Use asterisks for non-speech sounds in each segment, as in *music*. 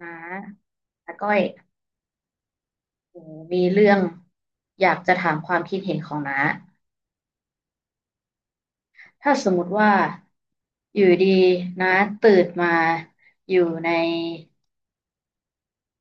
น้าน้าก้อยหนูมีเรื่องอยากจะถามความคิดเห็นของน้าถ้าสมมติว่าอยู่ดีน้าตื่นมาอยู่ใน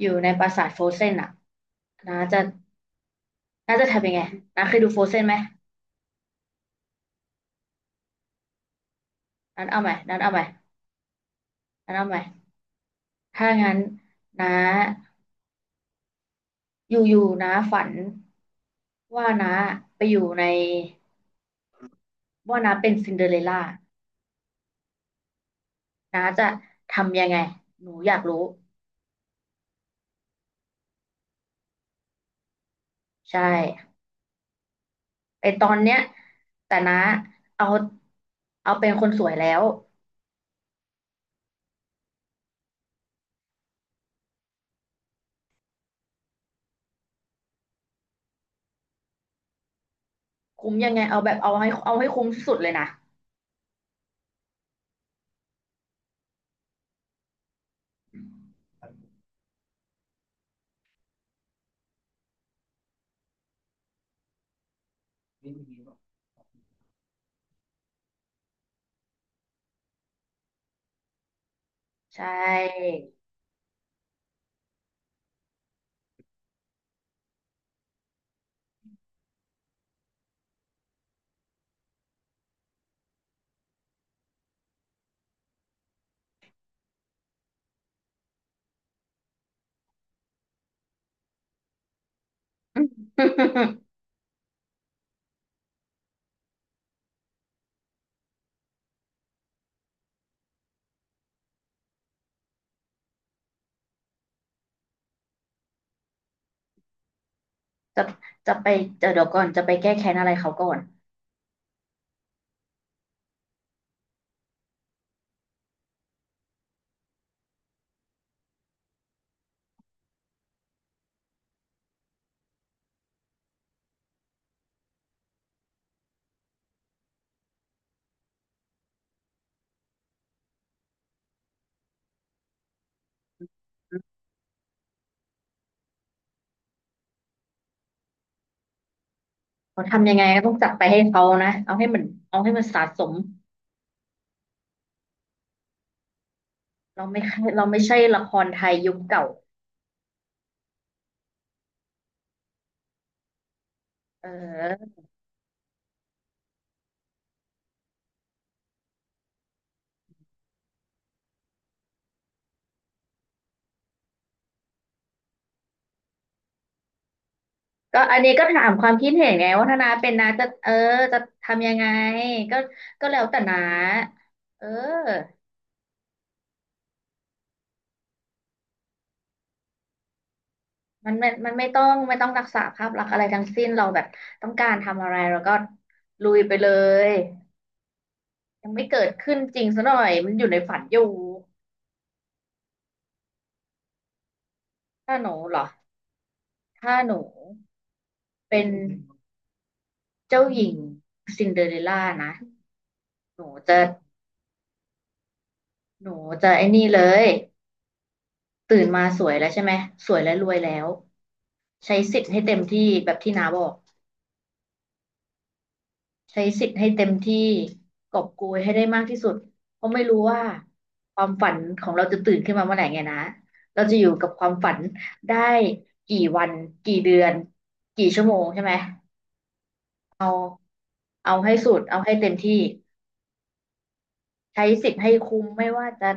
ปราสาทโฟรเซนอะน้าจะน้าจะทำยังไงน้าเคยดูโฟรเซนไหมน้าเอาใหม่น้าเอาใหม่น้าเอาใหม่ถ้างั้นน้าอยู่ๆน้าฝันว่าน้าไปอยู่ในว่าน้าเป็นซินเดอเรลล่าน้าจะทำยังไงหนูอยากรู้ใช่ ไอตอนเนี้ยแต่นะเอาเอาเป็นคนสวยแล้วคุ้มยังไงเอาแบบเอาให้คุ้มที่สุดเลยนะใช่ *laughs* จะจะไปเดี๋ยวก่อนจะไปแก้แค้นอะไรเขาก่อนเขาทำยังไงก็ต้องจัดไปให้เขานะเอาให้มันเอาให้มันสะสมเราไม่เราไม่ใช่ละครไทยยุคเก่าเออก็อันนี้ก็ถามความคิดเห็นไงว่าถ้าน้าเป็นน้าจะเออจะทำยังไงก็ก็แล้วแต่น้าเออ มันไม่ต้องรักษาภาพลักษณ์อะไรทั้งสิ้นเราแบบต้องการทำอะไรเราก็ลุยไปเลยยังไม่เกิดขึ้นจริงซะหน่อยมันอยู่ในฝันอยู่ถ้าหนูเหรอถ้าหนูเป็นเจ้าหญิงซินเดอเรลล่านะหนูจะหนูจะไอ้นี่เลยตื่นมาสวยแล้วใช่ไหมสวยและรวยแล้วใช้สิทธิ์ให้เต็มที่แบบที่น้าบอก ใช้สิทธิ์ให้เต็มที่กอบโกยให้ได้มากที่สุดเพราะไม่รู้ว่าความฝันของเราจะตื่นขึ้นมาเมื่อไหร่ไงนะเราจะอยู่กับความฝันได้กี่วันกี่เดือนกี่ชั่วโมงใช่ไหมเอาเอาให้สุดเอาให้เต็มที่ใช้สิทธิ์ให้คุ้มไม่ว่าจะ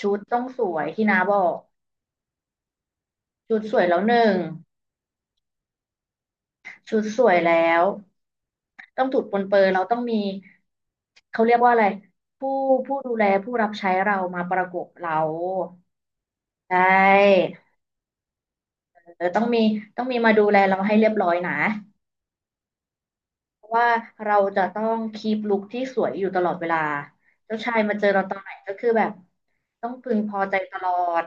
ชุดต้องสวยที่น้าบอกชุดสวยแล้วหนึ่งชุดสวยแล้วต้องถูกปรนเปื้อนเราต้องมีเขาเรียกว่าอะไรผู้ผู้ดูแลผู้รับใช้เรามาประกบเรา ใช่เออต้องมีมาดูแลเราให้เรียบร้อยนะ เพราะว่าเราจะต้องคีปลุคที่สวยอยู่ตลอดเวลาเจ้าชายมาเจอเราตอนไหนก็คือแบบต้องพึงพอใจตลอด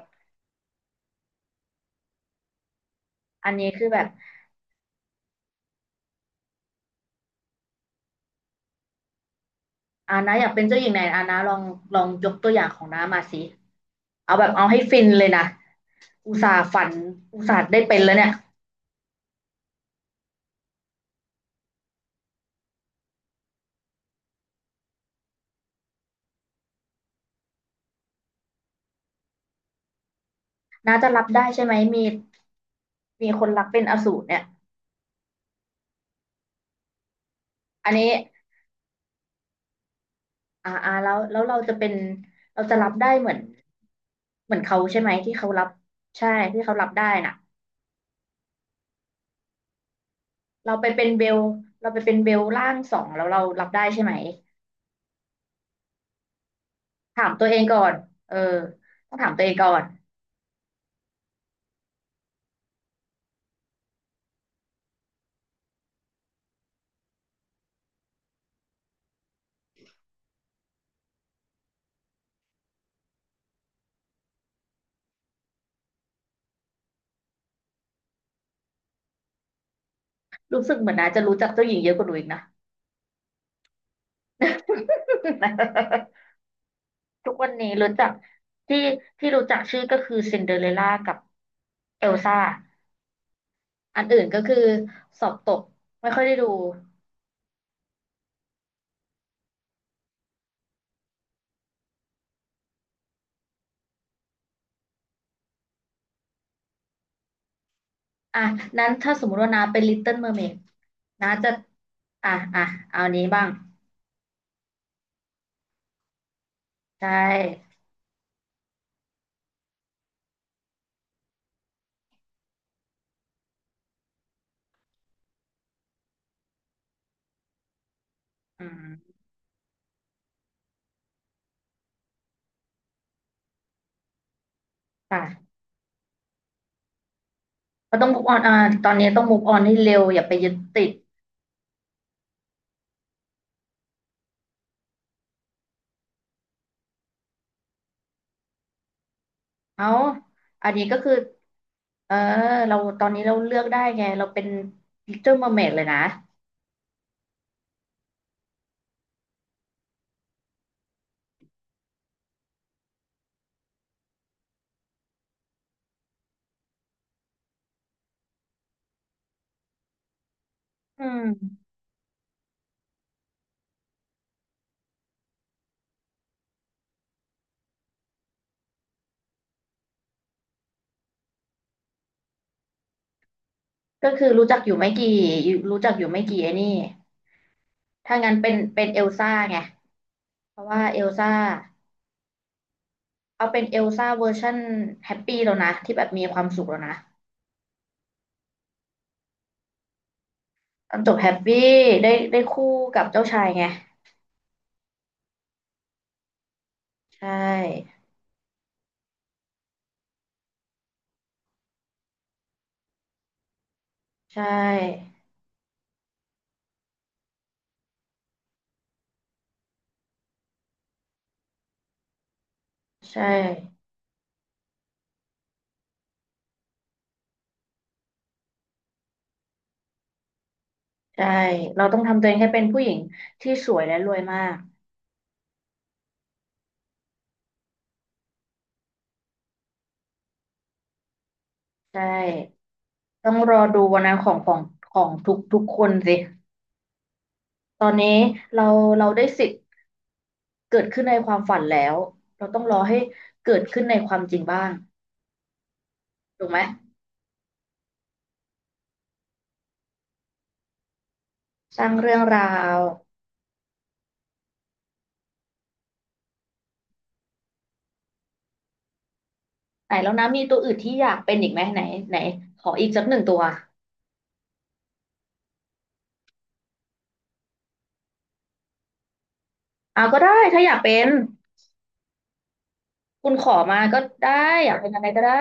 อันนี้คือแบบอานะอยากเป็นเจ้าหญิงไหนอานะลองยกตัวอย่างของน้ามาสิเอาแบบเอาให้ฟินเลยนะอุตส่าห์ฝันอุตส่าห์ได้เป็นแล้วเนี่ยน้าจะรับได้ใช่ไหมมีคนรักเป็นอสูรเนี่ยอันนี้ แล้วเราจะเป็นเราจะรับได้เหมือนเขาใช่ไหมที่เขารับใช่ที่เขารับได้น่ะเราไปเป็นเบลเราไปเป็นเบลล่างสองแล้วเรารับได้ใช่ไหมถามตัวเองก่อนเออต้องถามตัวเองก่อนรู้สึกเหมือนนะจะรู้จักเจ้าหญิงเยอะกว่าหนูอีกนะ *laughs* ทุกวันนี้รู้จักที่ที่รู้จักชื่อก็คือซินเดอเรลล่ากับเอลซ่าอันอื่นก็คือสอบตกไม่ค่อยได้ดู อ่ะนั้นถ้าสมมติว่านาเป็นลิตเติ้ลเมอร์เมดนาจะอ่ะอ่ะเอานี้บ้างใช่อืมค่ะก็ต้อง move on อ่าตอนนี้ต้อง move on ให้เร็วอย่าไปยึดติดเอาอันนี้ก็คือเออเราตอนนี้เราเลือกได้ไง เราเป็น Little Mermaid เลยนะอืมก็คือรู้จักอยู่ไม่กี่อยู่รู้จักอยู่ไม่กี่ไอ้นี่ ถ้างั้นเป็นเอลซ่าไง เพราะว่าเอลซ่าเอาเป็นเอลซ่าเวอร์ชันแฮปปี้แล้วนะ ที่แบบมีความสุขแล้วนะ ตอนจบแฮปปี้ได้คู่กับเจ้าชายไงใช่ใช่ใช่ใช่เราต้องทำตัวเองให้เป็นผู้หญิงที่สวยและรวยมากใช่ต้องรอดูวันนั้นของทุกคนสิตอนนี้เราเราได้สิทธิ์เกิดขึ้นในความฝันแล้วเราต้องรอให้เกิดขึ้นในความจริงบ้างถูกไหมสร้างเรื่องราวไหนแล้วนะมีตัวอื่นที่อยากเป็นอีกไหมไหนไหนขออีกสักหนึ่งตัวเอาก็ได้ถ้าอยากเป็น คุณขอมาก็ได้ อยากเป็นอะไรก็ได้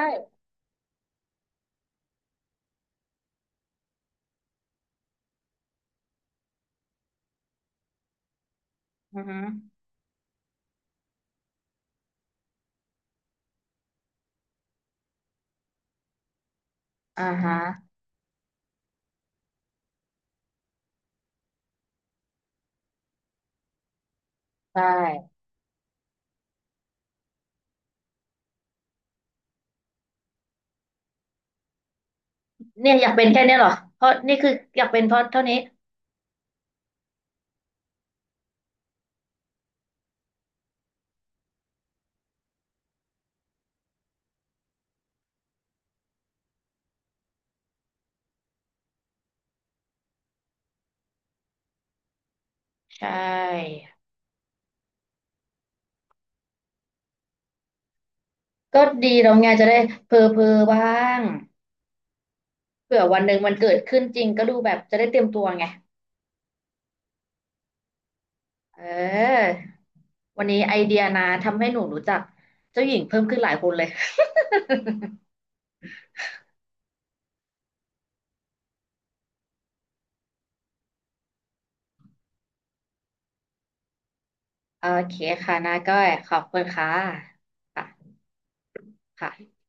อือฮึอ่าฮะได้เนี่ยอยากเป็นแค่เนี้ยเหรอเพราะนี่คืออยากเป็นเพราะเท่านี้ใช่ก็ดีเลาไงจะได้เพอเพอบ้างเผื่อวันหนึ่งมันเกิดขึ้นจริงก็ดูแบบจะได้เตรียมตัวไงเออวันนี้ไอเดียนะทำให้หนูรู้จักเจ้าหญิงเพิ่มขึ้นหลายคนเลยโอเคค่ะนาก้อยขอบคุณค่ะค่ะค่ะ